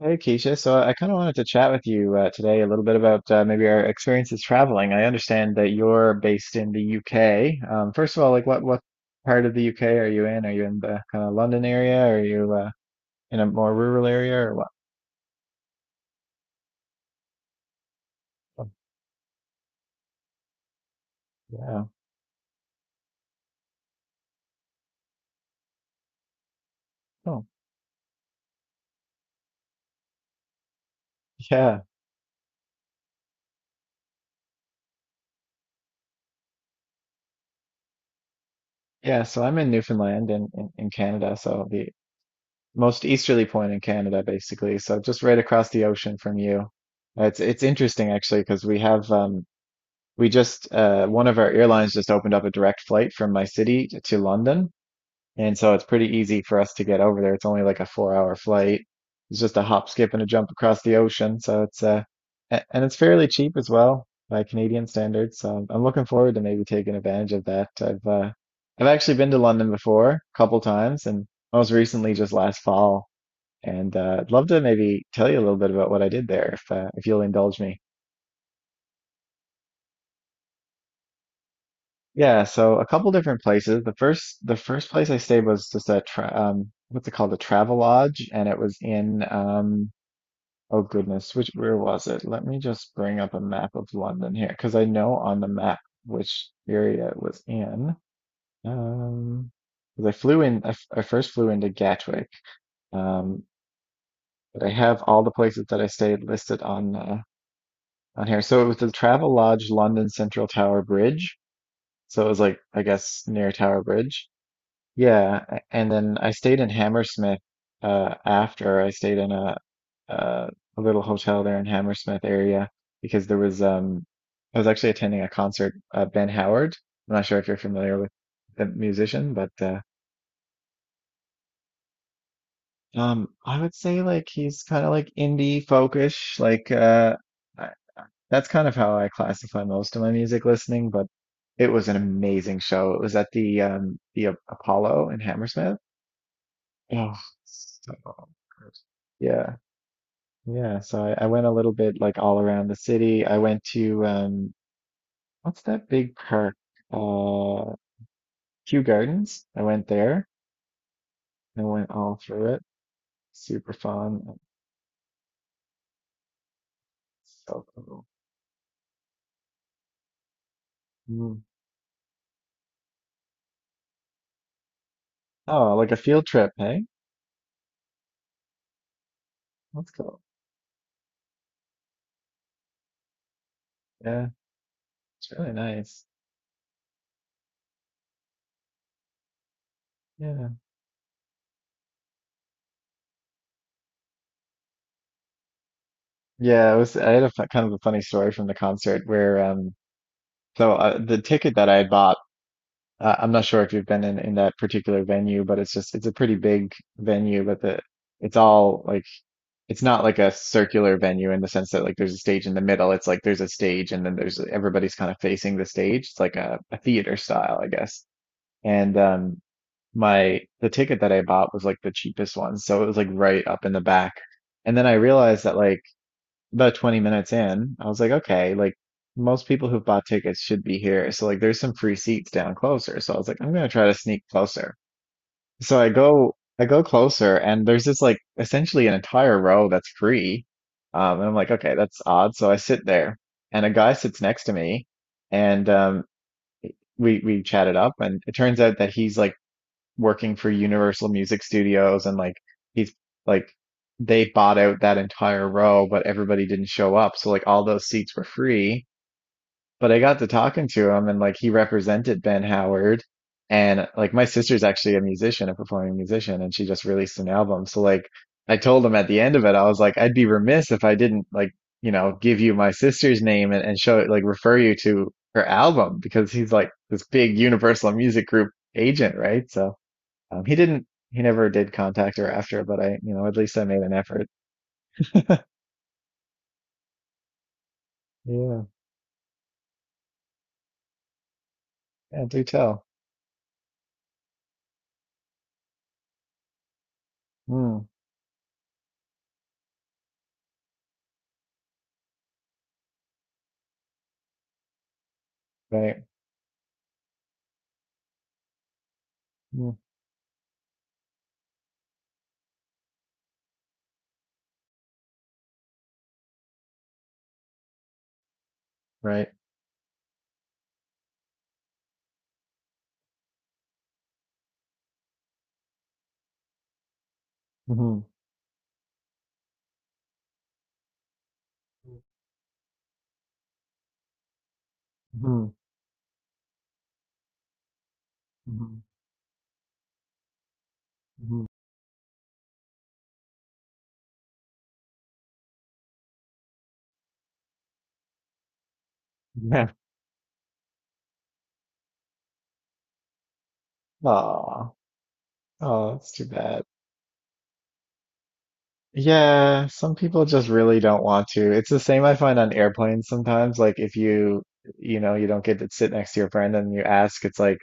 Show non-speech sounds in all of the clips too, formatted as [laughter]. Hey Keisha, so I kind of wanted to chat with you today a little bit about maybe our experiences traveling. I understand that you're based in the UK. First of all, like what part of the UK are you in? Are you in the kind of London area? Are you in a more rural area or what? Oh. Yeah. Oh, yeah, yeah. So I'm in Newfoundland in, in Canada, so the most easterly point in Canada, basically. So just right across the ocean from you. It's interesting actually because we just one of our airlines just opened up a direct flight from my city to London, and so it's pretty easy for us to get over there. It's only like a four-hour flight. It's just a hop, skip, and a jump across the ocean. So and it's fairly cheap as well by Canadian standards. So I'm looking forward to maybe taking advantage of that. I've actually been to London before, a couple times, and most recently just last fall. And I'd love to maybe tell you a little bit about what I did there, if you'll indulge me. Yeah, so a couple different places. The first place I stayed was just a tra what's it called? A travel lodge, and it was in oh goodness, which where was it? Let me just bring up a map of London here because I know on the map which area it was in. Um 'Cause I flew in I first flew into Gatwick. Um but I have all the places that I stayed listed on here. So it was the Travel Lodge London Central Tower Bridge. So it was like I guess near Tower Bridge. Yeah, and then I stayed in Hammersmith after I stayed in uh, a little hotel there in Hammersmith area because there was I was actually attending a concert, Ben Howard. I'm not sure if you're familiar with the musician, but I would say like he's kind of like indie folkish, I, that's kind of how I classify most of my music listening, but it was an amazing show. It was at the Apollo in Hammersmith. Oh, so good. Yeah, yeah. So I went a little bit like all around the city. I went to what's that big park? Uh, Kew Gardens. I went there and went all through it. Super fun. And so cool. Mm. Oh, like a field trip, hey? That's cool. Yeah, it's really nice. Yeah. Yeah, it was. I had a kind of a funny story from the concert where the ticket that I bought. I'm not sure if you've been in that particular venue, but it's a pretty big venue, but the it's all like it's not like a circular venue in the sense that like there's a stage in the middle. It's like there's a stage and then there's everybody's kind of facing the stage. It's like a theater style, I guess. And my the ticket that I bought was like the cheapest one, so it was like right up in the back. And then I realized that like about 20 minutes in, I was like, okay, like most people who've bought tickets should be here. So like there's some free seats down closer. So I was like, I'm gonna try to sneak closer. So I go closer and there's this like essentially an entire row that's free. And I'm like, okay, that's odd. So I sit there and a guy sits next to me and we chatted up and it turns out that he's like working for Universal Music Studios and he's like they bought out that entire row, but everybody didn't show up. So like all those seats were free. But I got to talking to him and like he represented Ben Howard. And like my sister's actually a musician, a performing musician, and she just released an album. So like I told him at the end of it, I was like, I'd be remiss if I didn't like, you know, give you my sister's name and show it, like refer you to her album because he's like this big Universal Music Group agent, right? So he didn't, he never did contact her after, but I, you know, at least I made an effort. Yeah, yeah, do tell. Mm, right. Mm, right. Mm-hmm. Mm-hmm. Mm-hmm. Yeah. [laughs] Aw. Oh, that's too bad. Yeah, some people just really don't want to. It's the same I find on airplanes sometimes. Like if you, you know, you don't get to sit next to your friend and you ask, it's like,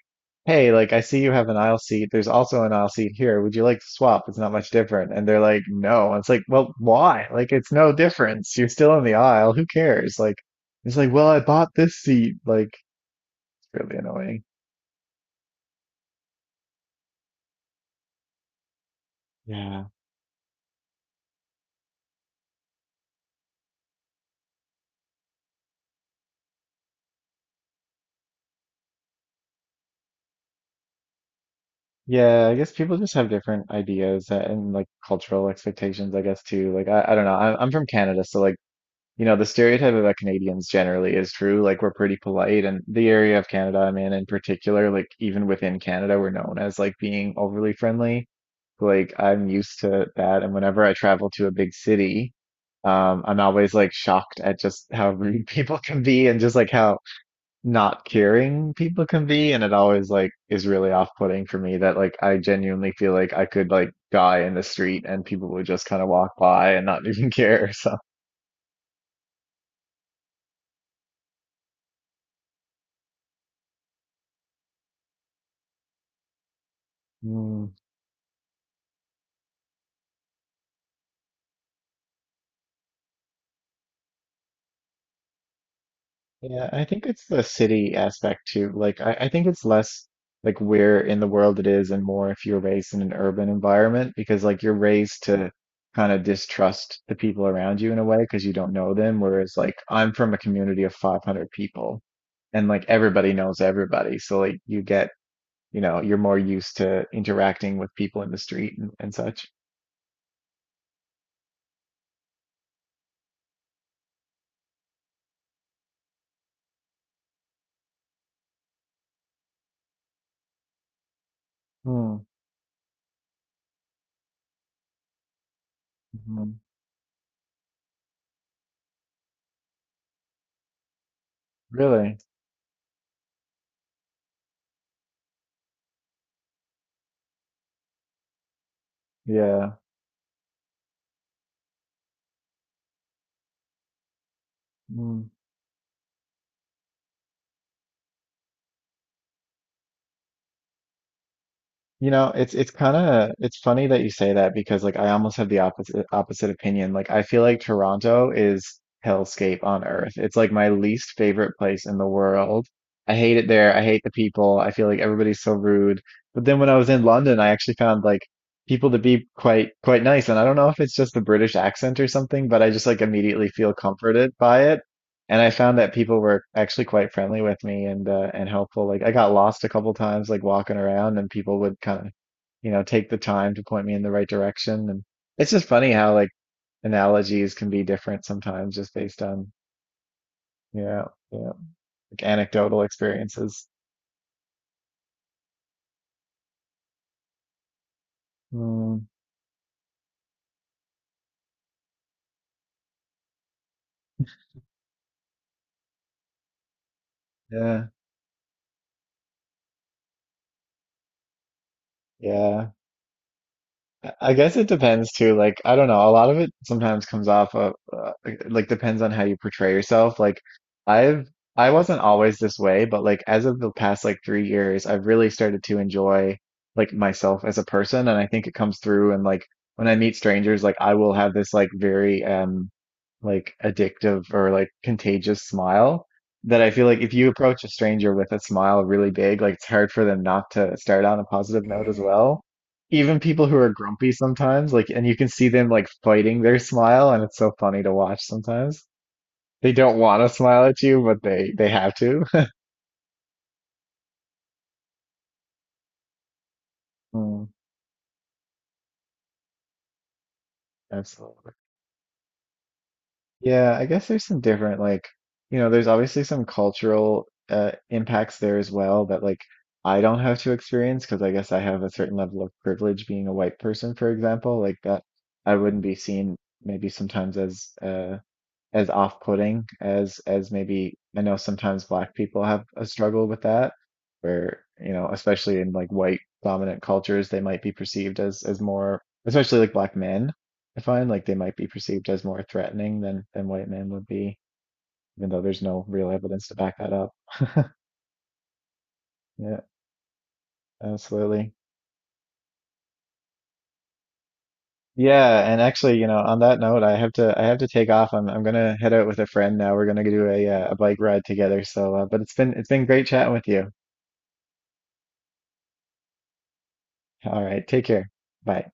hey, like I see you have an aisle seat. There's also an aisle seat here. Would you like to swap? It's not much different. And they're like, no. And it's like, well, why? Like it's no difference. You're still in the aisle. Who cares? Like it's like, well, I bought this seat. Like it's really annoying. Yeah. Yeah, I guess people just have different ideas and like cultural expectations, I guess too. I don't know. I'm from Canada, so like you know, the stereotype about Canadians generally is true. Like we're pretty polite, and the area of Canada I'm in particular, like even within Canada, we're known as like being overly friendly. Like I'm used to that, and whenever I travel to a big city, I'm always like shocked at just how [laughs] rude people can be, and just like how not caring people can be, and it always like is really off-putting for me that like I genuinely feel like I could like die in the street and people would just kind of walk by and not [laughs] even care. So. Mm. Yeah, I think it's the city aspect too. I think it's less like where in the world it is and more if you're raised in an urban environment because, like, you're raised to kind of distrust the people around you in a way because you don't know them. Whereas, like, I'm from a community of 500 people and, like, everybody knows everybody. So, like, you get, you know, you're more used to interacting with people in the street and such. Mm-hmm. Really? Yeah. You know, it's kind of it's funny that you say that because like I almost have the opposite opinion. Like I feel like Toronto is hellscape on earth. It's like my least favorite place in the world. I hate it there. I hate the people. I feel like everybody's so rude. But then when I was in London, I actually found like people to be quite nice. And I don't know if it's just the British accent or something, but I just like immediately feel comforted by it and I found that people were actually quite friendly with me and helpful. Like I got lost a couple times, like walking around, and people would kind of, you know, take the time to point me in the right direction. And it's just funny how like analogies can be different sometimes, just based on yeah, yeah, like anecdotal experiences. Mm, yeah, yeah. I guess it depends too. Like, I don't know. A lot of it sometimes comes off of, like, depends on how you portray yourself. I've, I wasn't always this way, but like, as of the past like 3 years, I've really started to enjoy like myself as a person. And I think it comes through. And like, when I meet strangers, like, I will have this like very, like addictive or like contagious smile that I feel like if you approach a stranger with a smile really big, like it's hard for them not to start on a positive note as well. Even people who are grumpy sometimes, like, and you can see them like fighting their smile, and it's so funny to watch sometimes. They don't want to smile at you, but they have to. [laughs] Mm, absolutely. Yeah, I guess there's some different like, you know, there's obviously some cultural impacts there as well that like I don't have to experience because I guess I have a certain level of privilege being a white person, for example, like that I wouldn't be seen maybe sometimes as off-putting as maybe I know sometimes black people have a struggle with that, where you know, especially in like white dominant cultures, they might be perceived as more, especially like black men. I find like they might be perceived as more threatening than white men would be, even though there's no real evidence to back that up. [laughs] Yeah, absolutely. Yeah, and actually, you know, on that note, I have to take off. I'm gonna head out with a friend now. We're gonna do a bike ride together. So, but it's been great chatting with you. All right. Take care. Bye.